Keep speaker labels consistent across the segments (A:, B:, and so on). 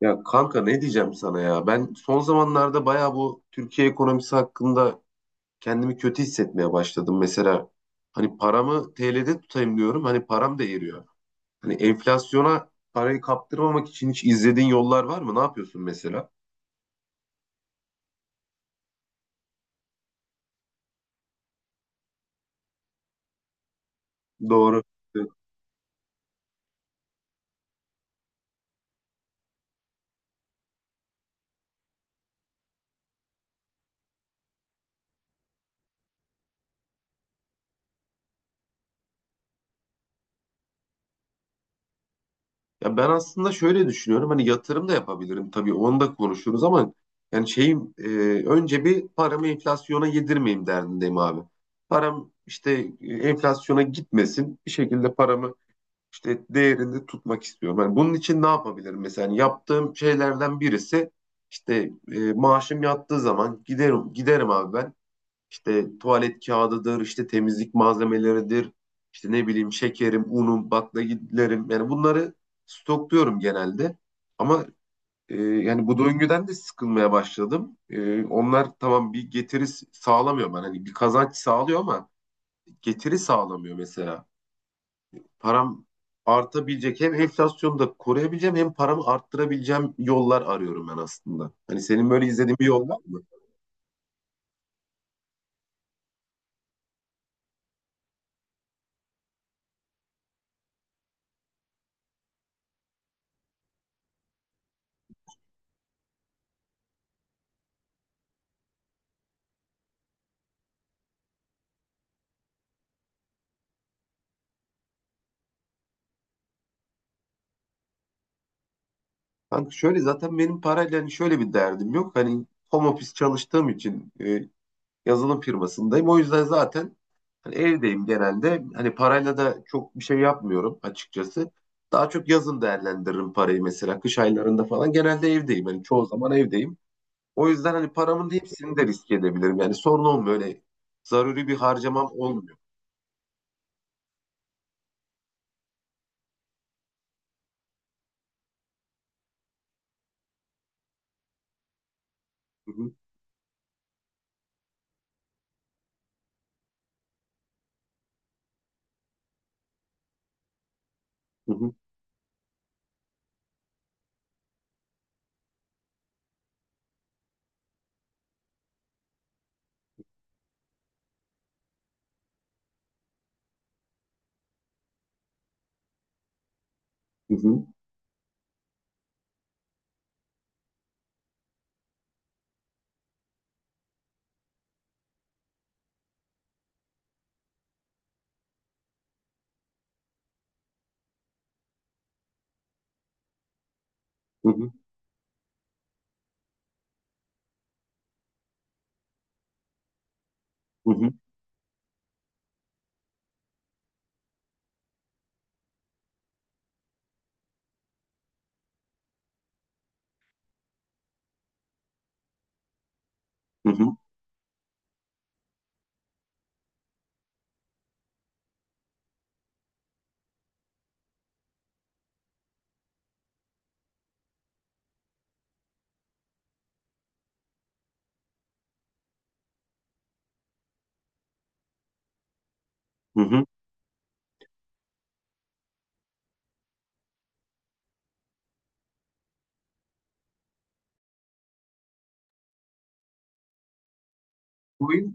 A: Ya kanka, ne diyeceğim sana ya? Ben son zamanlarda bayağı bu Türkiye ekonomisi hakkında kendimi kötü hissetmeye başladım. Mesela hani paramı TL'de tutayım diyorum. Hani param da eriyor. Hani enflasyona parayı kaptırmamak için hiç izlediğin yollar var mı? Ne yapıyorsun mesela? Doğru. Evet. Ya ben aslında şöyle düşünüyorum. Hani yatırım da yapabilirim tabii. Onu da konuşuruz ama yani şeyim önce bir paramı enflasyona yedirmeyeyim derdindeyim abi. Param işte enflasyona gitmesin. Bir şekilde paramı işte değerini tutmak istiyorum. Yani bunun için ne yapabilirim? Mesela yani yaptığım şeylerden birisi işte maaşım yattığı zaman giderim abi ben. İşte tuvalet kağıdıdır, işte temizlik malzemeleridir, işte ne bileyim şekerim, unum, baklagillerim. Yani bunları stokluyorum genelde. Ama yani bu döngüden de sıkılmaya başladım. E, onlar tamam, bir getiri sağlamıyor bana. Hani bir kazanç sağlıyor ama getiri sağlamıyor. Mesela param artabilecek, hem enflasyonu da koruyabileceğim hem paramı arttırabileceğim yollar arıyorum ben aslında. Hani senin böyle izlediğin bir yol var mı? Kanka şöyle, zaten benim parayla hani şöyle bir derdim yok. Hani home office çalıştığım için yazılım firmasındayım. O yüzden zaten hani evdeyim genelde. Hani parayla da çok bir şey yapmıyorum açıkçası. Daha çok yazın değerlendiririm parayı, mesela kış aylarında falan. Genelde evdeyim. Hani çoğu zaman evdeyim. O yüzden hani paramın hepsini de riske edebilirim. Yani sorun olmuyor. Öyle zaruri bir harcamam olmuyor. Hı hı, hı hı, hı hı, hı hı, hı hı, hı hı, hı hı. Coin,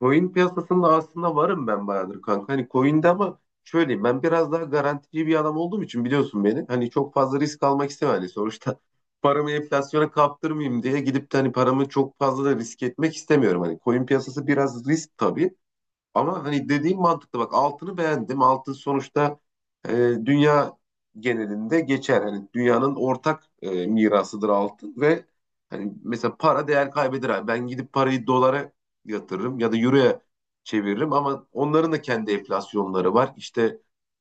A: coin piyasasında aslında varım ben bayağıdır kanka. Hani coin'de ama şöyleyim, ben biraz daha garantici bir adam olduğum için biliyorsun beni. Hani çok fazla risk almak istemem. Hani sonuçta paramı enflasyona kaptırmayayım diye gidip de hani paramı çok fazla da risk etmek istemiyorum. Hani coin piyasası biraz risk tabii. Ama hani dediğim mantıklı, bak altını beğendim. Altın sonuçta e, dünya genelinde geçer. Hani dünyanın ortak mirasıdır altın. Ve hani mesela para değer kaybeder abi. Ben gidip parayı dolara yatırırım ya da euroya çeviririm ama onların da kendi enflasyonları var. İşte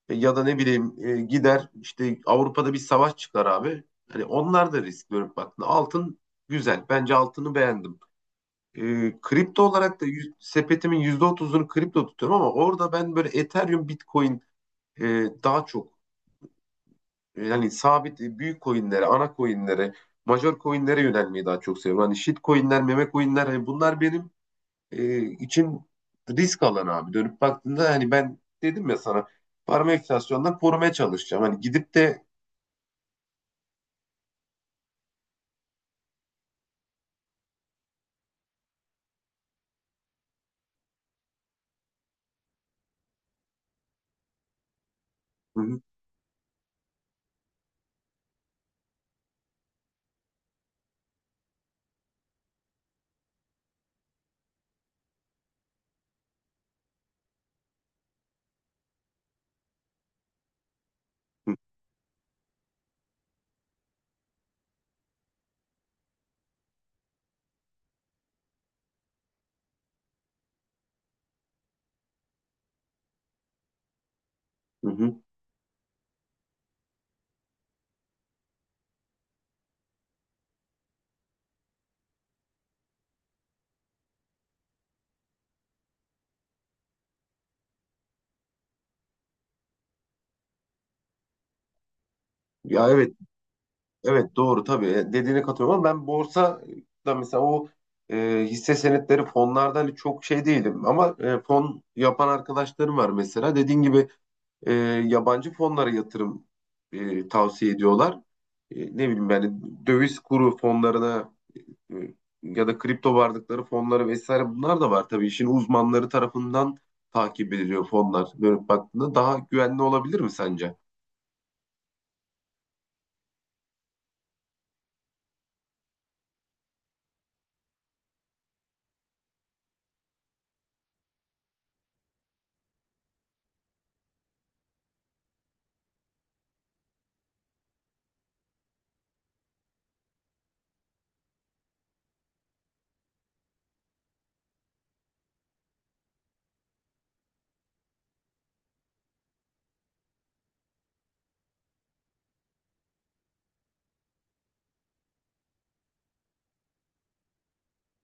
A: ya da ne bileyim, gider işte Avrupa'da bir savaş çıkar abi. Hani onlar da risk görüp baktığında altın güzel. Bence altını beğendim. Kripto olarak da sepetimin yüzde otuzunu kripto tutuyorum, ama orada ben böyle Ethereum, Bitcoin, e, daha çok yani sabit, büyük coinlere, ana coinlere, major coinlere yönelmeyi daha çok seviyorum. Hani shit coinler, meme coinler, hani bunlar benim için risk alanı abi. Dönüp baktığında hani ben dedim ya sana, paramı enflasyondan korumaya çalışacağım. Hani gidip de hı hı, hı hı. Ya evet. Evet, doğru tabii. E, dediğine katılıyorum ama ben borsa da mesela o hisse senetleri fonlarda hani çok şey değilim, ama fon yapan arkadaşlarım var. Mesela dediğin gibi e, yabancı fonlara yatırım tavsiye ediyorlar. E, ne bileyim, yani döviz kuru fonlarına e, ya da kripto varlıkları fonları vesaire, bunlar da var tabii, işin uzmanları tarafından takip ediliyor fonlar. Böyle baktığında daha güvenli olabilir mi sence?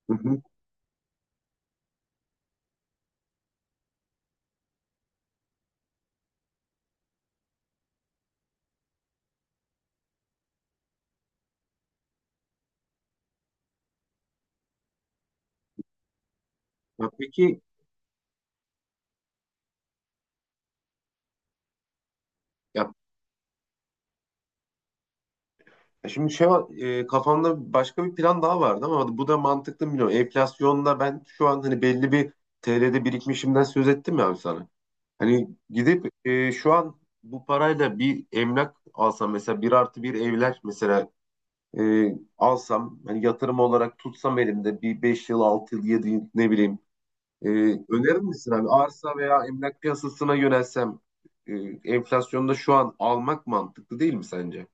A: Hı hı. Ya peki. Ya, ya şimdi şey var, kafamda başka bir plan daha vardı ama bu da mantıklı mı bilmiyorum. Enflasyonla ben şu an hani belli bir TL'de birikmişimden söz ettim ya abi sana. Hani gidip şu an bu parayla bir emlak alsam mesela, bir artı bir evler mesela e, alsam, hani yatırım olarak tutsam elimde bir 5 yıl, 6 yıl, 7 yıl, ne bileyim, e, önerir misin abi arsa veya emlak piyasasına yönelsem? e, Enflasyonda şu an almak mantıklı değil mi sence?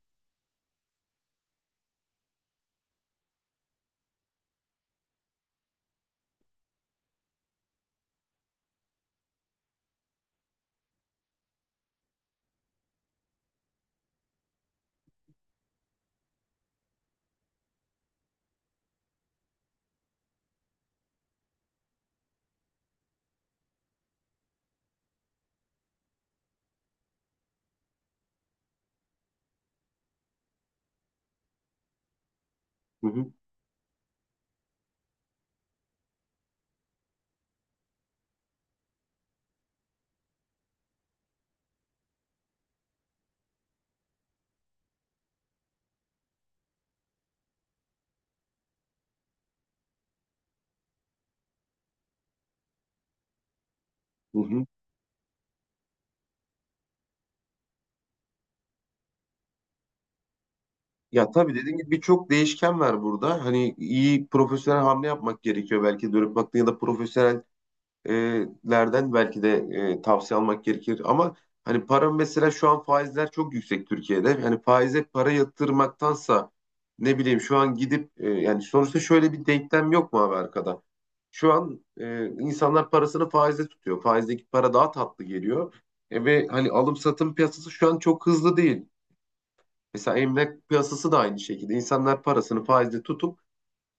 A: Hı hı. Hı hı. Ya tabii dediğim gibi, birçok değişken var burada. Hani iyi profesyonel hamle yapmak gerekiyor. Belki dönüp baktığında ya da profesyonellerden belki de tavsiye almak gerekir. Ama hani para, mesela şu an faizler çok yüksek Türkiye'de. Hani faize para yatırmaktansa ne bileyim, şu an gidip, yani sonuçta şöyle bir denklem yok mu abi arkada? Şu an insanlar parasını faize tutuyor. Faizdeki para daha tatlı geliyor. E, ve hani alım satım piyasası şu an çok hızlı değil. Mesela emlak piyasası da aynı şekilde. İnsanlar parasını faizde tutup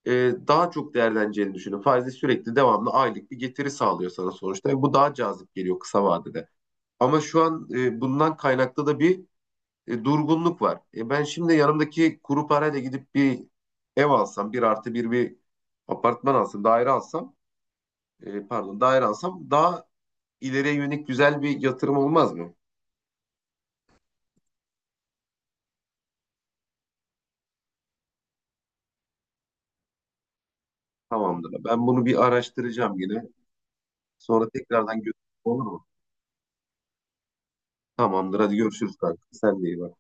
A: e, daha çok değerleneceğini düşünüyor. Faizde sürekli, devamlı aylık bir getiri sağlıyor sana sonuçta. Ve bu daha cazip geliyor kısa vadede. Ama şu an bundan kaynaklı da bir durgunluk var. E, ben şimdi yanımdaki kuru parayla gidip bir ev alsam, bir artı bir apartman alsam, daire alsam, pardon, daire alsam daha ileriye yönelik güzel bir yatırım olmaz mı? Tamamdır. Ben bunu bir araştıracağım yine. Sonra tekrardan görüşürüz. Olur mu? Tamamdır. Hadi görüşürüz kanka. Sen de iyi bak.